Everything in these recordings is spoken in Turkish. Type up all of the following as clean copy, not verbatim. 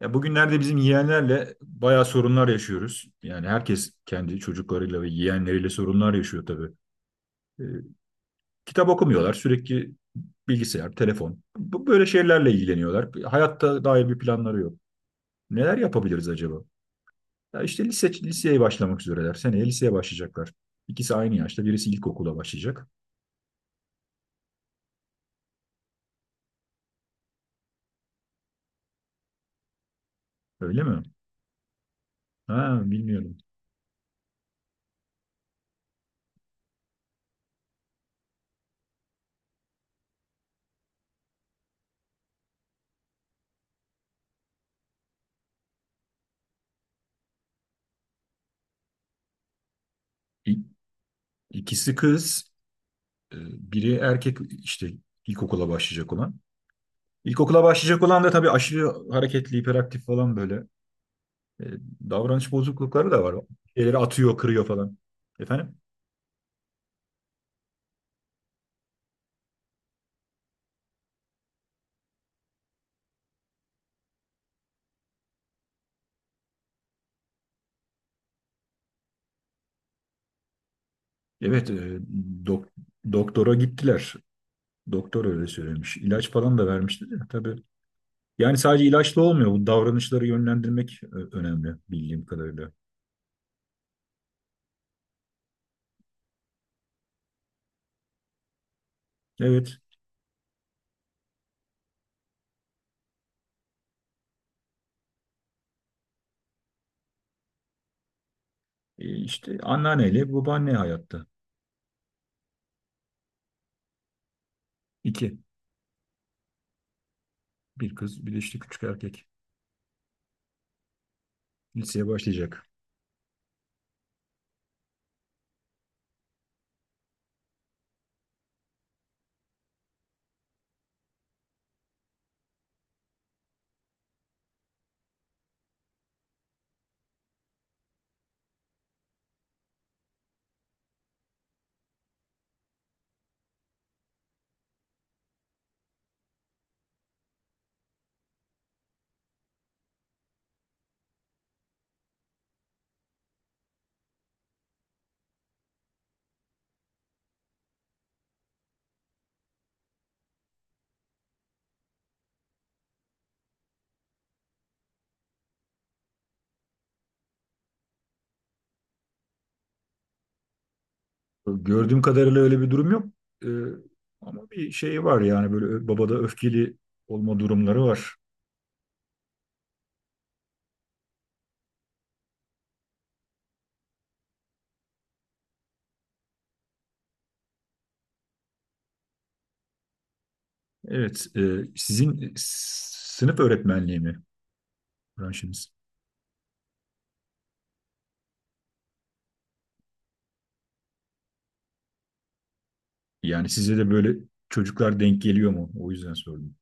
Ya bugünlerde bizim yeğenlerle bayağı sorunlar yaşıyoruz. Yani herkes kendi çocuklarıyla ve yeğenleriyle sorunlar yaşıyor tabii. Ee, kitap okumuyorlar, sürekli bilgisayar, telefon. Bu böyle şeylerle ilgileniyorlar. Hayatta dair bir planları yok. Neler yapabiliriz acaba? Ya işte lise, liseye başlamak üzereler. Seneye liseye başlayacaklar. İkisi aynı yaşta, birisi ilkokula başlayacak. Öyle mi? Ha, bilmiyorum. İ- İkisi kız, e, biri erkek işte ilkokula başlayacak olan. İlkokula başlayacak olan da tabii aşırı hareketli, hiperaktif falan böyle. E, davranış bozuklukları da var. Şeyleri atıyor, kırıyor falan. Efendim? Evet, dok- doktora gittiler. Doktor öyle söylemiş. İlaç falan da vermişti de tabii. Yani sadece ilaçla olmuyor. Bu davranışları yönlendirmek önemli bildiğim kadarıyla. Evet, işte anneanneyle babaanne hayatta. İki. Bir kız, bir de işte küçük erkek. Liseye başlayacak. Gördüğüm kadarıyla öyle bir durum yok. Ee, ama bir şey var yani böyle babada öfkeli olma durumları var. Evet, sınıf öğretmenliği mi branşınız? Yani size de böyle çocuklar denk geliyor mu? O yüzden sordum.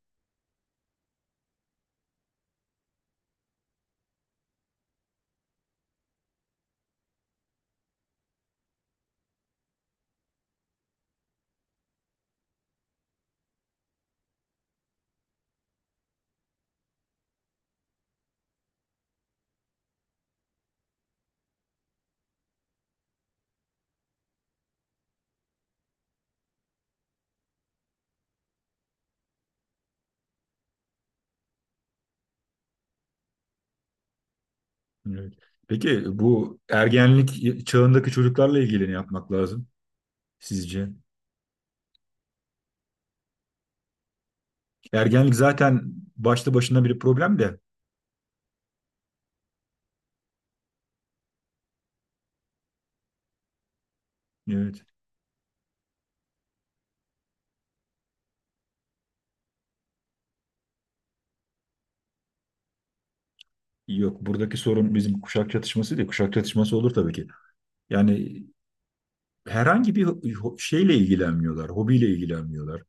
Evet. Peki bu ergenlik çağındaki çocuklarla ilgili ne yapmak lazım sizce? Ergenlik zaten başta başına bir problem de. Evet. Yok buradaki sorun bizim kuşak çatışması değil. Kuşak çatışması olur tabii ki. Yani herhangi bir şeyle ilgilenmiyorlar, hobiyle ilgilenmiyorlar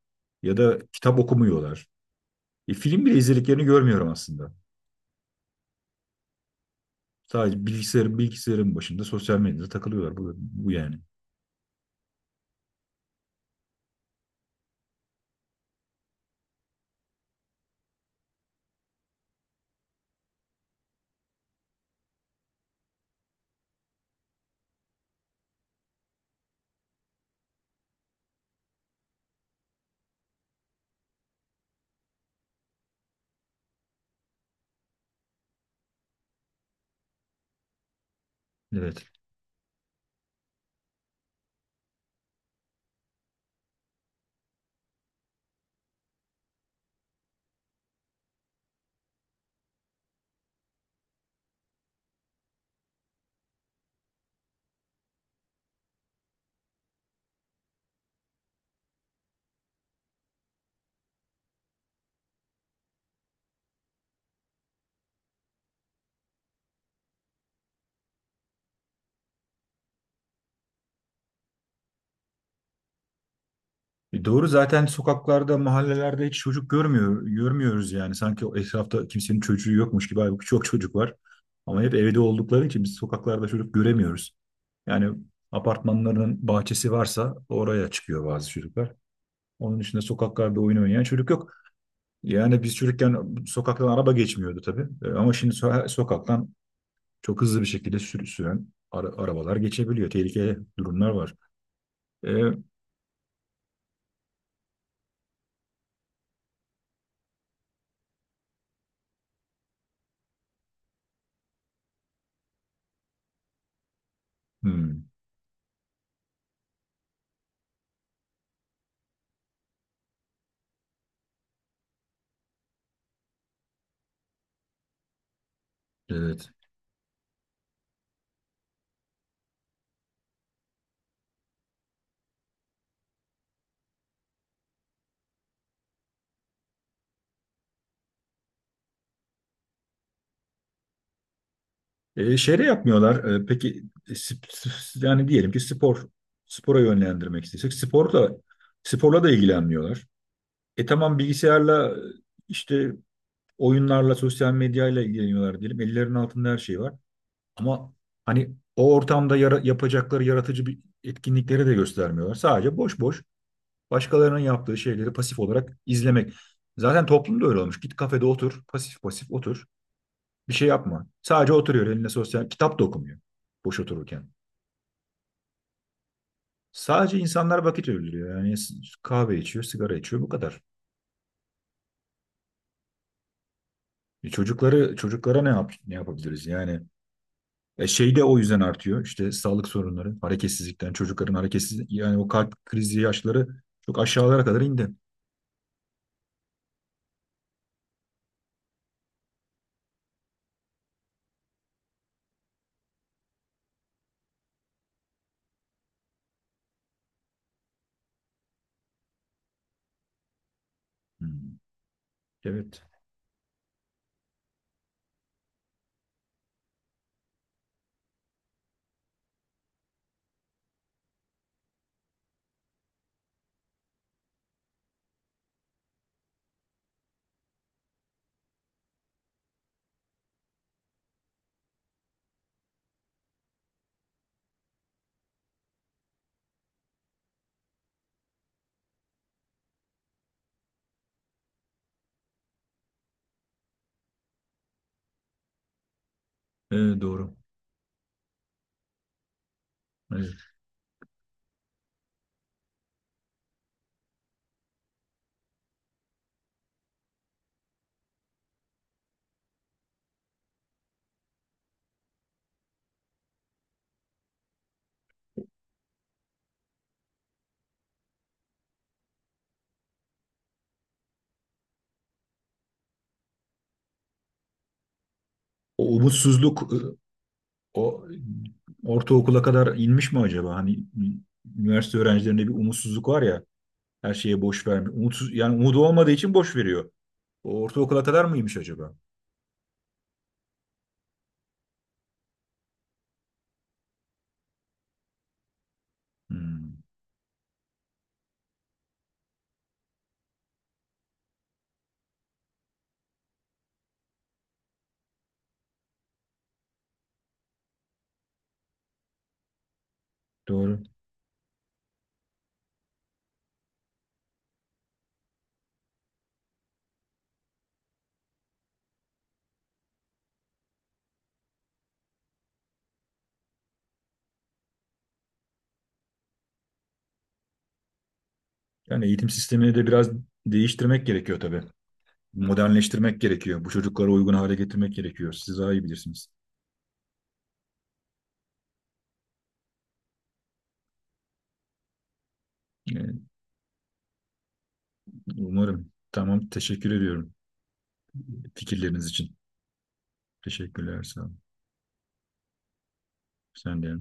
ya da kitap okumuyorlar. Film bile izlediklerini görmüyorum aslında. Sadece bilgisayarın başında sosyal medyada takılıyorlar. Bu yani. Evet. Doğru zaten sokaklarda, mahallelerde hiç çocuk görmüyor, görmüyoruz yani. Sanki o etrafta kimsenin çocuğu yokmuş gibi. Halbuki çok çocuk var. Ama hep evde oldukları için biz sokaklarda çocuk göremiyoruz. Yani apartmanlarının bahçesi varsa oraya çıkıyor bazı çocuklar. Onun dışında sokaklarda oyun oynayan çocuk yok. Yani biz çocukken sokaktan araba geçmiyordu tabii. Ama şimdi sokaktan çok hızlı bir şekilde süren arabalar geçebiliyor. Tehlikeli durumlar var. E, hmm, evet. Şey yapmıyorlar. E, peki yani diyelim ki spora yönlendirmek istesek sporla da ilgilenmiyorlar. E tamam bilgisayarla işte oyunlarla sosyal medyayla ilgileniyorlar diyelim. Ellerinin altında her şey var. Ama hani o ortamda yapacakları yaratıcı bir etkinlikleri de göstermiyorlar. Sadece boş boş başkalarının yaptığı şeyleri pasif olarak izlemek. Zaten toplumda öyle olmuş. Git kafede otur, pasif pasif otur. Bir şey yapma. Sadece oturuyor eline sosyal kitap da okumuyor boş otururken. Sadece insanlar vakit öldürüyor. Kahve içiyor, sigara içiyor bu kadar. E çocuklara ne yapabiliriz? Yani E, şey de o yüzden artıyor. İşte sağlık sorunları, hareketsizlikten, çocukların hareketsiz yani o kalp krizi yaşları çok aşağılara kadar indi. Hmm, evet. E, doğru. Evet. O umutsuzluk o ortaokula kadar inmiş mi acaba? Hani üniversite öğrencilerinde bir umutsuzluk var ya. Her şeye boş vermiyor. Umutsuz, yani umudu olmadığı için boş veriyor. O ortaokula kadar mıymış acaba? Hmm, doğru. Yani eğitim sistemini de biraz değiştirmek gerekiyor tabii. Modernleştirmek gerekiyor. Bu çocuklara uygun hale getirmek gerekiyor. Siz daha iyi bilirsiniz. Ee, umarım. Tamam, teşekkür ediyorum fikirleriniz için. Teşekkürler, sağ olun. Sen de.